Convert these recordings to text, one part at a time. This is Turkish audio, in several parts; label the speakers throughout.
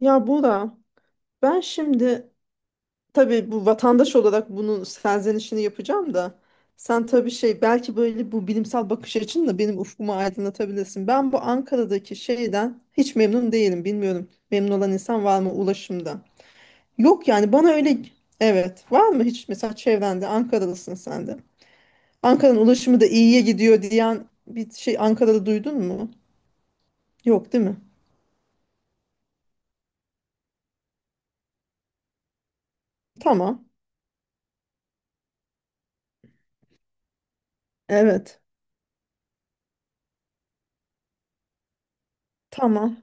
Speaker 1: Ya Bora, ben şimdi tabii bu vatandaş olarak bunun serzenişini yapacağım da sen tabii şey belki böyle bu bilimsel bakış açınla benim ufkumu aydınlatabilirsin. Ben bu Ankara'daki şeyden hiç memnun değilim. Bilmiyorum, memnun olan insan var mı ulaşımda? Yok yani bana öyle evet, var mı hiç mesela çevrende? Ankaralısın sen de. Ankara'nın ulaşımı da iyiye gidiyor diyen bir şey Ankara'da duydun mu? Yok değil mi? Tamam. Evet. Tamam.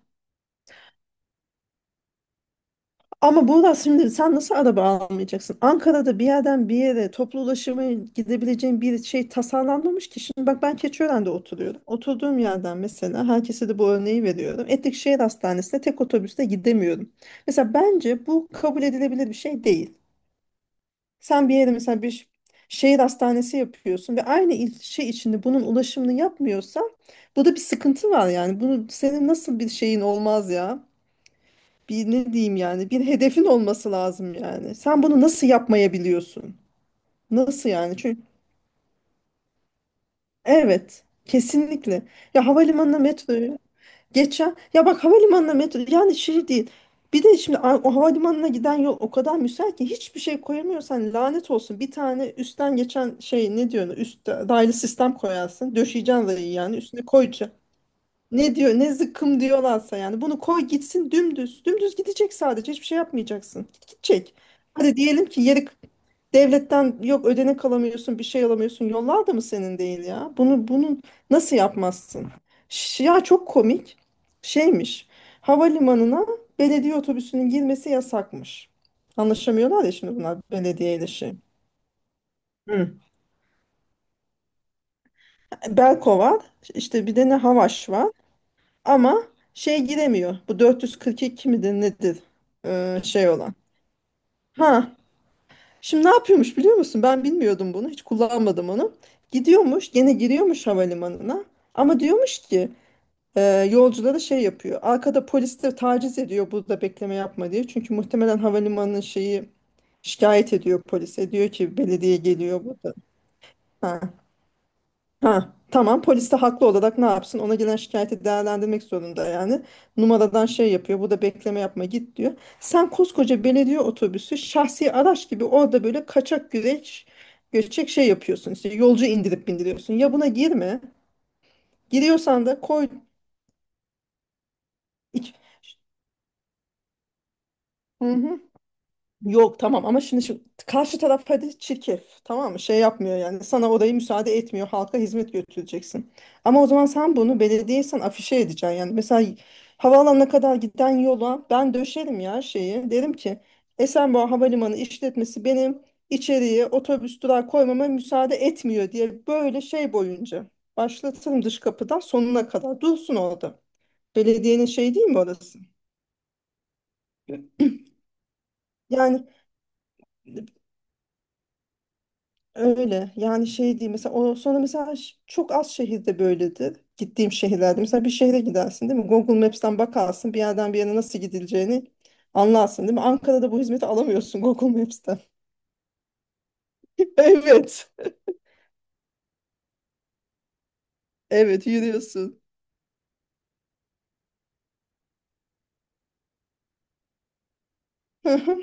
Speaker 1: Ama Buğra şimdi sen nasıl araba almayacaksın? Ankara'da bir yerden bir yere toplu ulaşıma gidebileceğin bir şey tasarlanmamış ki. Şimdi bak ben Keçiören'de oturuyorum. Oturduğum yerden mesela herkese de bu örneği veriyorum. Etlikşehir Hastanesi'ne tek otobüste gidemiyorum. Mesela bence bu kabul edilebilir bir şey değil. Sen bir yere mesela bir şehir hastanesi yapıyorsun ve aynı ilçe içinde bunun ulaşımını yapmıyorsan burada bir sıkıntı var yani. Bunu senin nasıl bir şeyin olmaz ya? Bir ne diyeyim yani, bir hedefin olması lazım yani. Sen bunu nasıl yapmayabiliyorsun? Nasıl yani? Çünkü evet, kesinlikle. Ya havalimanına metroyu, geçen ya bak havalimanına metro yani şey değil. Bir de şimdi o havalimanına giden yol o kadar müsait ki hiçbir şey koyamıyorsan lanet olsun. Bir tane üstten geçen şey ne diyorsun? Üst daylı sistem koyarsın. Döşeyeceksin rayı yani üstüne koyacaksın. Ne diyor ne zıkkım diyorlarsa yani bunu koy gitsin dümdüz. Dümdüz gidecek, sadece hiçbir şey yapmayacaksın. Gidecek. Hadi diyelim ki yeri, devletten yok ödenek alamıyorsun, bir şey alamıyorsun, yollar da mı senin değil ya? Bunu nasıl yapmazsın? Ya çok komik şeymiş, havalimanına belediye otobüsünün girmesi yasakmış. Anlaşamıyorlar ya şimdi bunlar belediye ile şey. Hı. Beko var, işte bir de ne Havaş var. Ama şey giremiyor. Bu 442 midir nedir? Şey olan. Ha. Şimdi ne yapıyormuş biliyor musun? Ben bilmiyordum bunu. Hiç kullanmadım onu. Gidiyormuş, gene giriyormuş havalimanına. Ama diyormuş ki e, yolculara şey yapıyor. Arkada polisler taciz ediyor, burada bekleme yapma diye. Çünkü muhtemelen havalimanının şeyi şikayet ediyor polise. Diyor ki belediye geliyor burada. Ha. Ha, tamam, polis de haklı olarak ne yapsın? Ona gelen şikayeti değerlendirmek zorunda yani. Numaradan şey yapıyor. Bu da bekleme yapma, git diyor. Sen koskoca belediye otobüsü şahsi araç gibi orada böyle kaçak güreş göçek şey yapıyorsun. İşte yolcu indirip bindiriyorsun. Ya buna girme. Giriyorsan da koy. iç- Yok tamam, ama şimdi şu karşı taraf hadi çirkef, tamam mı, şey yapmıyor yani, sana orayı müsaade etmiyor, halka hizmet götüreceksin. Ama o zaman sen bunu belediyesen afişe edeceksin yani, mesela havaalanına kadar giden yola ben döşerim ya, şeyi derim ki Esenboğa Havalimanı işletmesi benim içeriye otobüs durağı koymama müsaade etmiyor diye, böyle şey boyunca başlatırım dış kapıdan sonuna kadar, dursun orada. Belediyenin şey değil mi orası? Yani öyle yani, şey değil mesela o, sonra mesela çok az şehirde böyledir, gittiğim şehirlerde mesela bir şehre gidersin değil mi, Google Maps'ten bakarsın bir yerden bir yere nasıl gidileceğini anlarsın değil mi? Ankara'da bu hizmeti alamıyorsun Google Maps'ten. Evet. Evet yürüyorsun. Hı hı.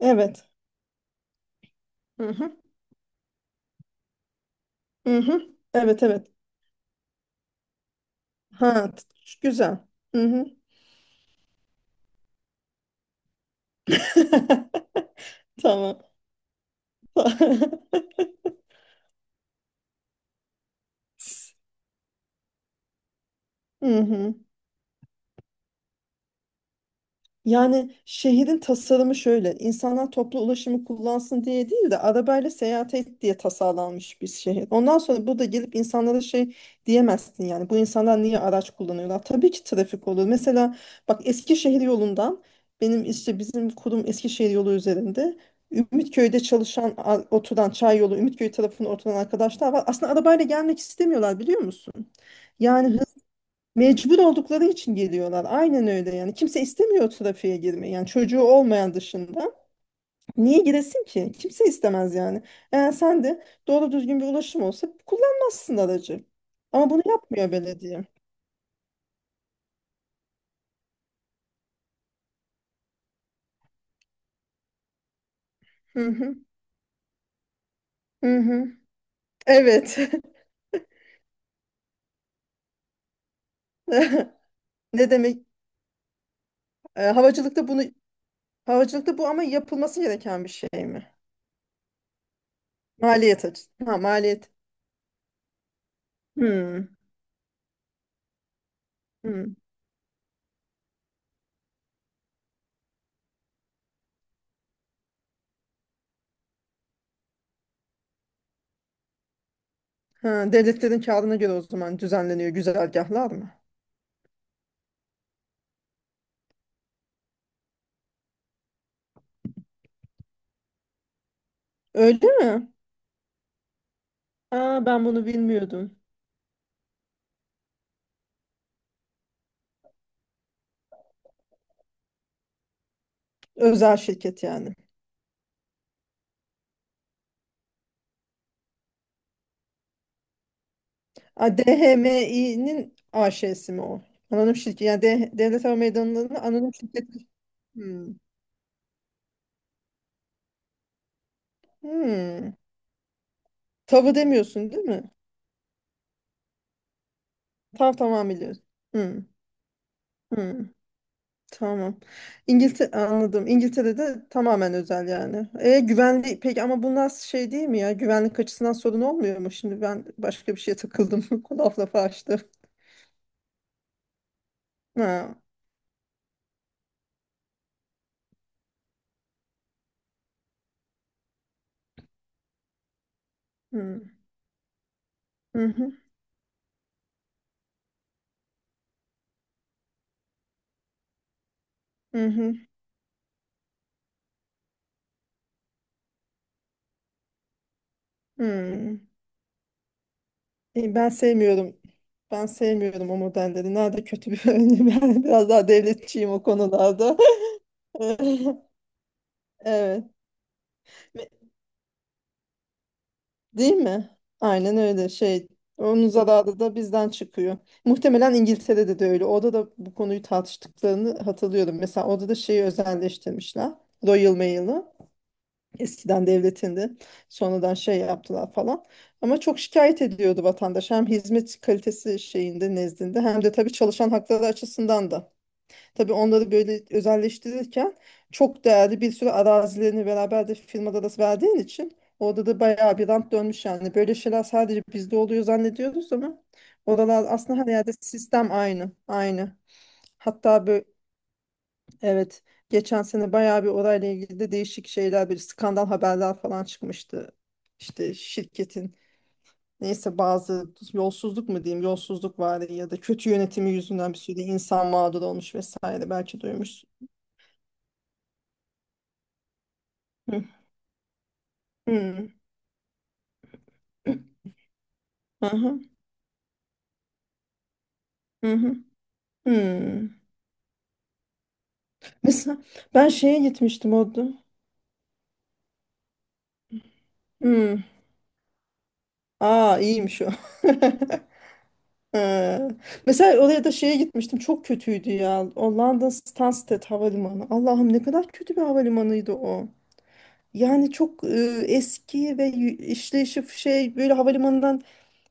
Speaker 1: Evet. Hı hı. Hı hı. Evet, evet. ha t- Güzel. Hı hı. Tamam. Hı hı. Yani şehrin tasarımı şöyle: insanlar toplu ulaşımı kullansın diye değil de arabayla seyahat et diye tasarlanmış bir şehir. Ondan sonra burada gelip insanlara şey diyemezsin yani. Bu insanlar niye araç kullanıyorlar? Tabii ki trafik olur. Mesela bak Eskişehir yolundan, benim işte bizim kurum Eskişehir yolu üzerinde. Ümitköy'de çalışan oturan, çay yolu Ümitköy tarafında oturan arkadaşlar var. Aslında arabayla gelmek istemiyorlar, biliyor musun? Yani mecbur oldukları için geliyorlar. Aynen öyle yani. Kimse istemiyor trafiğe girmeyi. Yani çocuğu olmayan dışında. Niye giresin ki? Kimse istemez yani. Eğer sen de doğru düzgün bir ulaşım olsa kullanmazsın aracı. Ama bunu yapmıyor belediye. Hı hı. Hı hı. Evet. Ne demek? Havacılıkta bunu, havacılıkta bu ama yapılması gereken bir şey mi? Maliyet açısı. Ha, maliyet. Hmm. Hmm. Ha, devletlerin kârına göre o zaman düzenleniyor güzergahlar mı? Öyle mi? Aa, ben bunu bilmiyordum. Özel şirket yani. A, DHMİ'nin AŞ'si mi o? Anonim şirket. Yani Devlet Hava Meydanı'nın anonim şirketi. Hmm. Hmm. Tabu demiyorsun değil mi? Tam tamam biliyorum. Hmm. Hmm. Tamam. İngiltere anladım. İngiltere'de tamamen özel yani. E, güvenli peki ama bu nasıl şey değil mi ya? Güvenlik açısından sorun olmuyor mu? Şimdi ben başka bir şeye takıldım. Laf lafı açtı. Ha. Hmm. Hı hı. Hı hı. Hı. E, ben sevmiyorum. Ben sevmiyorum o modelleri. Nerede kötü bir örneği? Ben biraz daha devletçiyim o konularda. Evet. Değil mi? Aynen öyle şey. Onun zararı da bizden çıkıyor. Muhtemelen İngiltere'de de öyle. Orada da bu konuyu tartıştıklarını hatırlıyorum. Mesela orada da şeyi özelleştirmişler. Royal Mail'ı. Eskiden devletinde. Sonradan şey yaptılar falan. Ama çok şikayet ediyordu vatandaş. Hem hizmet kalitesi şeyinde nezdinde, hem de tabii çalışan hakları açısından da. Tabii onları böyle özelleştirirken çok değerli bir sürü arazilerini beraber de firmada da verdiğin için orada da bayağı bir rant dönmüş yani. Böyle şeyler sadece bizde oluyor zannediyoruz ama oralar aslında, her yerde sistem aynı, aynı. Hatta böyle, evet, geçen sene bayağı bir orayla ilgili de değişik şeyler, bir skandal haberler falan çıkmıştı. İşte şirketin, neyse, bazı yolsuzluk mu diyeyim, yolsuzluk var ya da kötü yönetimi yüzünden bir sürü insan mağdur olmuş vesaire, belki duymuşsun. Hmm. Aha, hı hı. Hı. Hmm. Mesela ben şeye gitmiştim orada. Hmm. Aa, iyiymiş o. Ee, Mesela oraya da şeye gitmiştim. Çok kötüydü ya. O London Stansted Havalimanı. Allah'ım, ne kadar kötü bir havalimanıydı o. Yani çok eski ve işleyişi şey, böyle havalimanından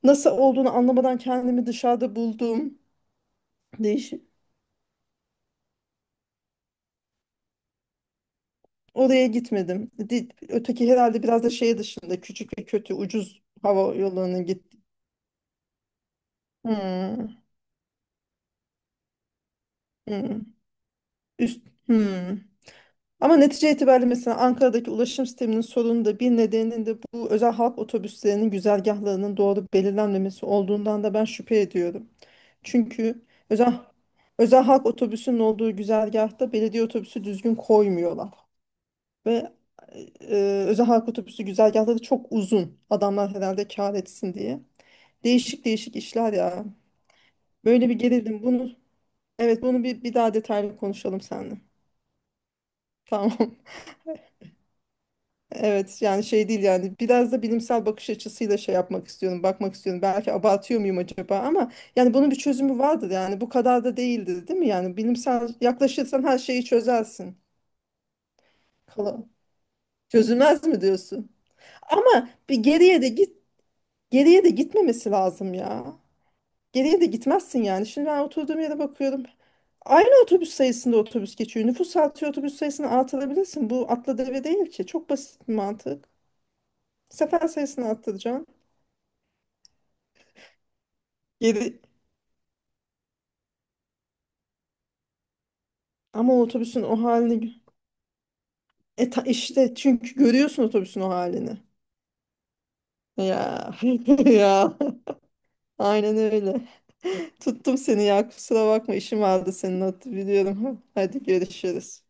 Speaker 1: nasıl olduğunu anlamadan kendimi dışarıda buldum. Değişik. Oraya gitmedim. Öteki herhalde biraz da şey dışında küçük ve kötü ucuz hava yollarının gitti. Hmm, hmm, üst, hmm. Ama netice itibariyle mesela Ankara'daki ulaşım sisteminin sorunu da, bir nedeninin de bu özel halk otobüslerinin güzergahlarının doğru belirlenmemesi olduğundan da ben şüphe ediyorum. Çünkü özel halk otobüsünün olduğu güzergahta belediye otobüsü düzgün koymuyorlar. Ve e, e, özel halk otobüsü güzergahları çok uzun. Adamlar herhalde kâr etsin diye. Değişik değişik işler ya. Böyle bir gelelim bunu. Evet, bunu bir, bir daha detaylı konuşalım seninle. Tamam. Evet yani şey değil yani, biraz da bilimsel bakış açısıyla şey yapmak istiyorum, bakmak istiyorum. Belki abartıyor muyum acaba, ama yani bunun bir çözümü vardır yani, bu kadar da değildir değil mi? Yani bilimsel yaklaşırsan her şeyi çözersin. Kala- Çözülmez mi diyorsun? Ama bir geriye de git, geriye de gitmemesi lazım ya. Geriye de gitmezsin yani. Şimdi ben oturduğum yere bakıyorum. Aynı otobüs sayısında otobüs geçiyor. Nüfus artıyor, otobüs sayısını artırabilirsin. Bu atla deve değil ki. Çok basit bir mantık. Sefer sayısını arttıracaksın. Geri ama o otobüsün o halini, işte çünkü görüyorsun otobüsün o halini. Ya ya aynen öyle. Tuttum seni ya, kusura bakma, işim vardı senin, hatırlıyorum. Hadi görüşürüz.